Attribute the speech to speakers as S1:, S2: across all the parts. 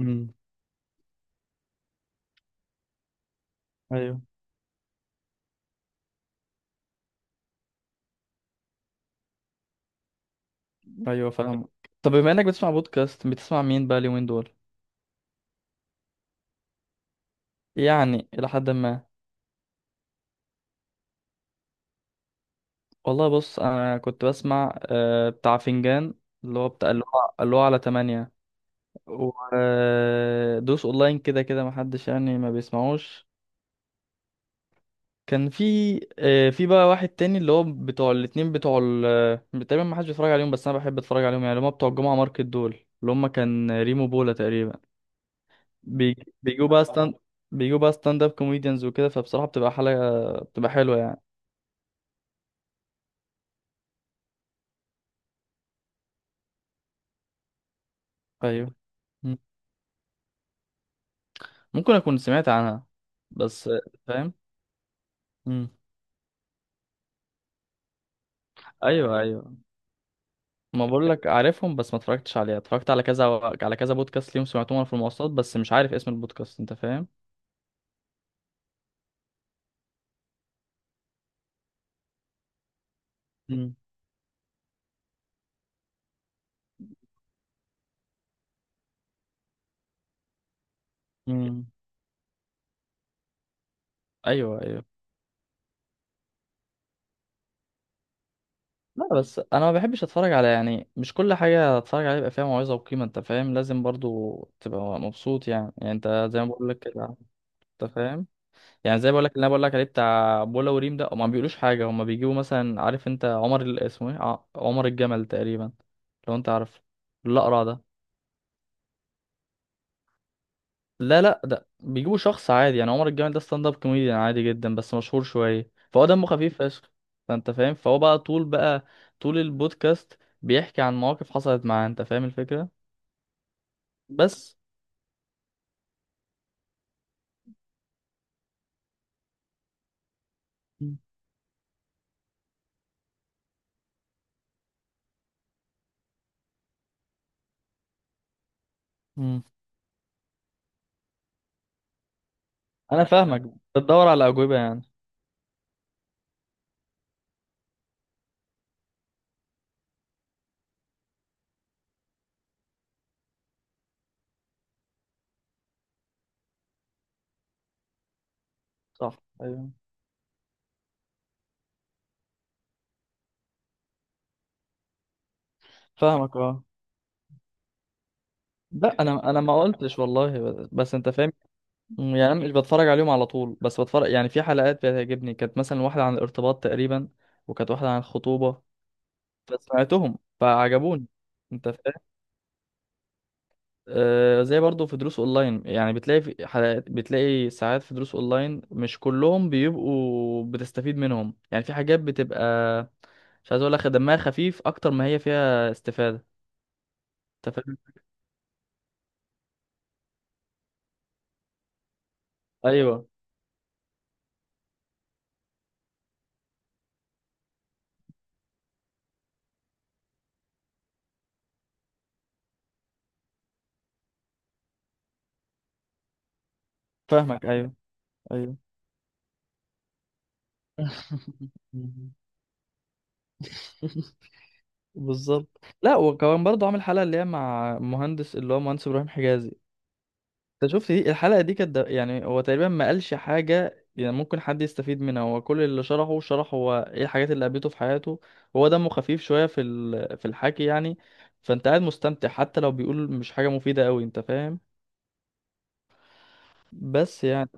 S1: امم ايوه، ايوه، فاهم. طب بما انك بتسمع بودكاست، بتسمع مين بقى اليومين دول؟ يعني الى حد ما. والله، بص، انا كنت بسمع بتاع فنجان، اللي هو بتاع اللي هو اللي هو على تمانية. ودوس اونلاين كده كده، محدش يعني ما بيسمعوش. كان في في بقى واحد تاني، اللي هو بتوع الاتنين بتوع ال تقريبا محدش بيتفرج عليهم، بس انا بحب اتفرج عليهم يعني، اللي هم بتوع الجمعة ماركت دول، اللي هم كان ريمو بولا تقريبا. بيجوا بقى ستاند، بيجوا بقى ستاند اب كوميديانز وكده، فبصراحة بتبقى حلقة، بتبقى حلوة يعني. ايوه، مم. ممكن اكون سمعت عنها. بس. فاهم. مم. ايوه، ايوه. ما بقول لك عارفهم، بس ما اتفرجتش عليها، اتفرجت على كذا، على كذا بودكاست ليهم، سمعتهم وانا في المواصلات، بس مش عارف اسم البودكاست، انت فاهم. مم. مم. ايوه، ايوه. لا، بس انا ما بحبش اتفرج على، يعني مش كل حاجه اتفرج عليها يبقى فيها موعظه وقيمه، انت فاهم؟ لازم برضو تبقى مبسوط يعني انت زي ما بقول لك كده. انت فاهم. يعني زي بقول لك اللي انا بقول لك عليه بتاع بولا وريم ده، هما ما بيقولوش حاجه، هما بيجيبوا مثلا، عارف انت عمر اسمه ايه، عمر الجمل تقريبا، لو انت عارف. الاقرع ده. لا، لا، ده بيجيبوا شخص عادي، يعني عمر الجمل ده ستاند اب كوميديان عادي جدا، بس مشهور شويه، فهو دمه خفيف فشخ. فانت فاهم، فهو بقى طول بقى، طول البودكاست بيحكي عن مواقف حصلت معاه، انت فاهم الفكره. بس. مم. انا فاهمك. بتدور على اجوبه يعني. صح. ايوه، فاهمك. اه. لا، انا ما قلتش والله، بس انت فاهم. يعني انا مش بتفرج عليهم على طول، بس بتفرج يعني في حلقات بتعجبني، كانت مثلا واحدة عن الارتباط تقريبا، وكانت واحدة عن الخطوبة، فسمعتهم فعجبوني، انت فاهم. زي برضو في دروس اونلاين يعني، بتلاقي في حلقات، بتلاقي ساعات في دروس اونلاين مش كلهم بيبقوا بتستفيد منهم، يعني في حاجات بتبقى مش عايز اقول لك دمها خفيف اكتر ما هي فيها استفادة، انت فاهم. ايوه، فاهمك. ايوه، ايوه. بالظبط. لا، وكمان برضه عامل حلقة اللي هي مع مهندس، اللي هو مهندس إبراهيم حجازي. انت شفت دي الحلقة؟ دي كانت يعني هو تقريبا ما قالش حاجة يعني ممكن حد يستفيد منها، هو كل اللي شرحه، شرح هو ايه الحاجات اللي قابلته في حياته. هو دمه خفيف شوية في الحكي يعني. فانت قاعد مستمتع، حتى لو بيقول مش حاجة مفيدة قوي، انت فاهم. بس يعني.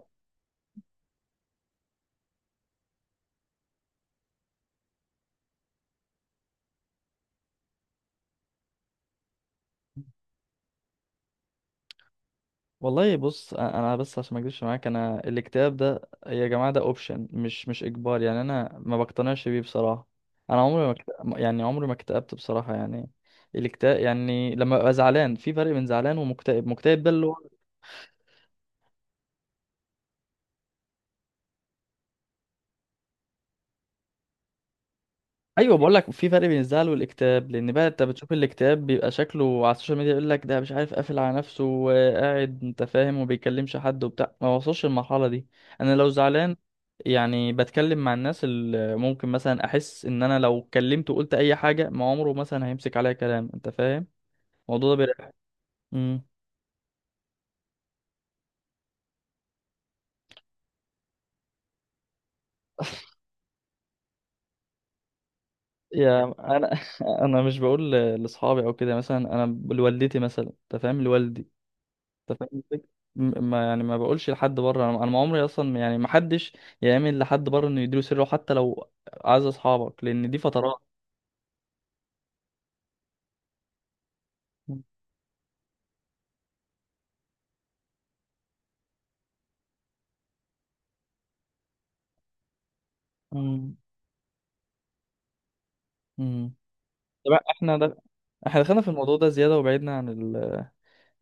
S1: والله، بص، انا بس عشان ما اكذبش معاك، انا الاكتئاب ده، يا جماعه، ده اوبشن، مش اجبار، يعني انا ما بقتنعش بيه بصراحه. انا عمري ما اكت... يعني عمري ما اكتئبت بصراحه يعني. الاكتئاب يعني لما ببقى زعلان، في فرق بين زعلان ومكتئب، مكتئب ده اللي... ايوه، بقول لك في فرق بين الزعل والاكتئاب، لان بقى انت بتشوف الاكتئاب بيبقى شكله على السوشيال ميديا، يقول لك ده مش عارف قافل على نفسه وقاعد، انت فاهم، وما بيكلمش حد وبتاع، ما وصلش للمرحله دي. انا لو زعلان، يعني بتكلم مع الناس اللي ممكن مثلا احس ان انا لو اتكلمت وقلت اي حاجه، ما عمره مثلا هيمسك عليا كلام، انت فاهم. الموضوع ده بيريح. امم يا انا. انا مش بقول لاصحابي او كده، مثلا انا لوالدتي مثلا، انت فاهم، لوالدي. انت فاهم الفكرة؟ ما يعني ما بقولش لحد بره، انا ما عمري اصلا يعني، ما حدش يعمل لحد بره انه يديله سره، حتى لو اعز اصحابك، لان دي فترات. مم. مم. طب، احنا ده، احنا دخلنا في الموضوع ده زياده، وبعدنا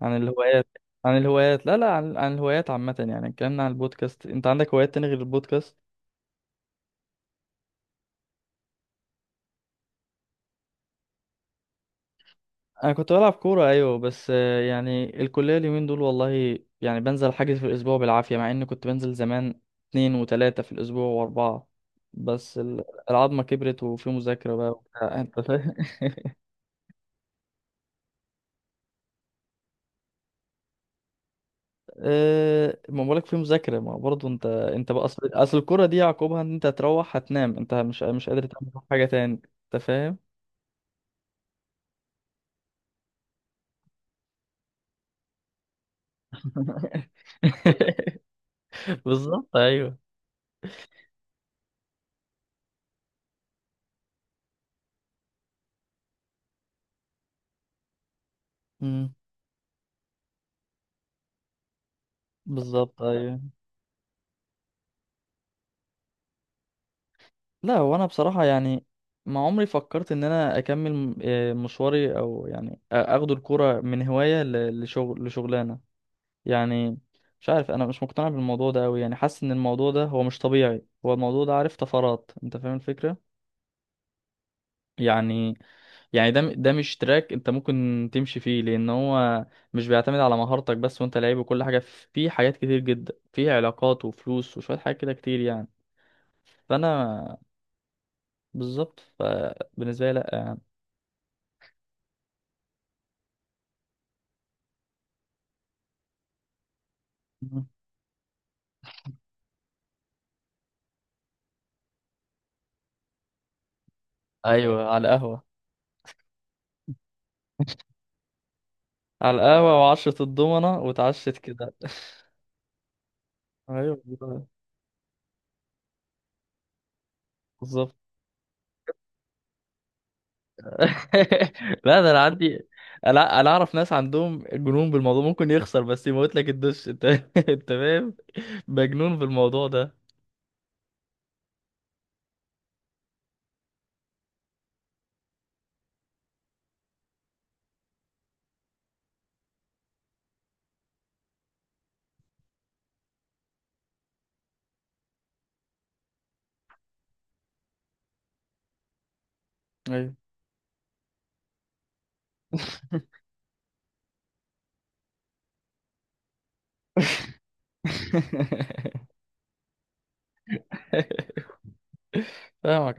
S1: عن الهوايات. عن الهوايات، لا، لا، عن الهوايات عامه، يعني اتكلمنا عن البودكاست. انت عندك هوايات تاني غير البودكاست؟ انا كنت بلعب كوره ايوه، بس يعني الكليه اليومين دول والله، يعني بنزل حاجز في الاسبوع بالعافيه، مع اني كنت بنزل زمان اتنين وتلاته في الاسبوع واربعه، بس العظمه كبرت وفي مذاكره بقى وبتاع، انت فاهم. أه، ما بقولك في مذاكره، ما برضه انت بقى، اصل الكوره دي عقوبها ان انت هتروح هتنام، انت مش قادر تعمل حاجه تاني، انت فاهم. بالظبط. ايوه. مم، بالظبط. ايوه. لا، هو انا بصراحة يعني، ما عمري فكرت ان انا اكمل مشواري، او يعني اخد الكورة من هواية لشغل لشغلانة، يعني. مش عارف، انا مش مقتنع بالموضوع ده قوي يعني، حاسس ان الموضوع ده هو مش طبيعي، هو الموضوع ده عارف طفرات، انت فاهم الفكرة، يعني يعني ده مش تراك انت ممكن تمشي فيه، لان هو مش بيعتمد على مهارتك بس وانت لعيب وكل حاجة، فيه حاجات كتير جدا، فيه علاقات وفلوس وشوية حاجات كده كتير يعني، فانا بالظبط، فبالنسبة لي لا يعني. ايوه، على القهوه، وعشره الضمنه واتعشت كده. ايوه والله، بالظبط. لا، ده انا عندي، انا اعرف ناس عندهم جنون بالموضوع، ممكن يخسر بس يموت لك الدش انت، انت فاهم، مجنون بالموضوع ده. ايوه. فاهمك.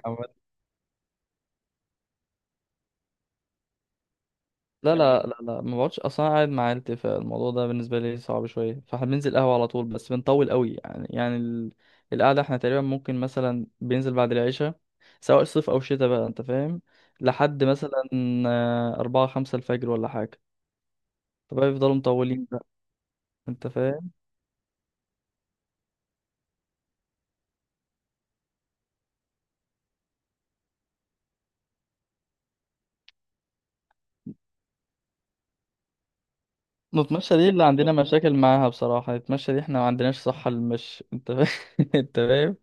S1: لا، فاهمني. لا، لا، لا، ما بقعدش اصلا، أنا قاعد مع عيلتي، فالموضوع ده بالنسبه لي صعب شويه، فاحنا بننزل قهوه على طول، بس بنطول قوي يعني ال... القعده احنا تقريبا، ممكن مثلا بينزل بعد العشاء، سواء صيف او شتاء بقى، انت فاهم، لحد مثلا أربعة خمسة الفجر ولا حاجه، فبقى يفضلوا مطولين بقى، انت فاهم. نتمشى دي اللي عندنا مشاكل معاها بصراحه، نتمشى دي احنا ما عندناش صحه للمشي، انت فاهم. انت فاهم.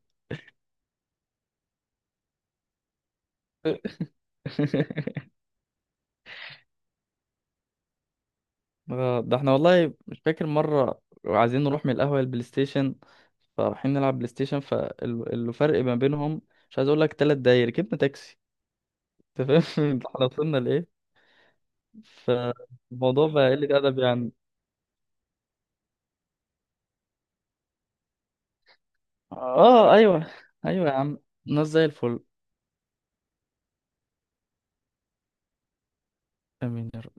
S1: ده احنا والله مش فاكر مرة عايزين نروح من القهوة للبلاي ستيشن، فرايحين نلعب بلاي ستيشن، فالفرق ما بينهم، مش عايز اقول لك، 3 دقايق ركبنا تاكسي، انت فاهم. احنا وصلنا لايه! فالموضوع بقى قلة ادب يعني. اه، ايوه. ايوه يا عم، ناس زي الفل. امين يا رب.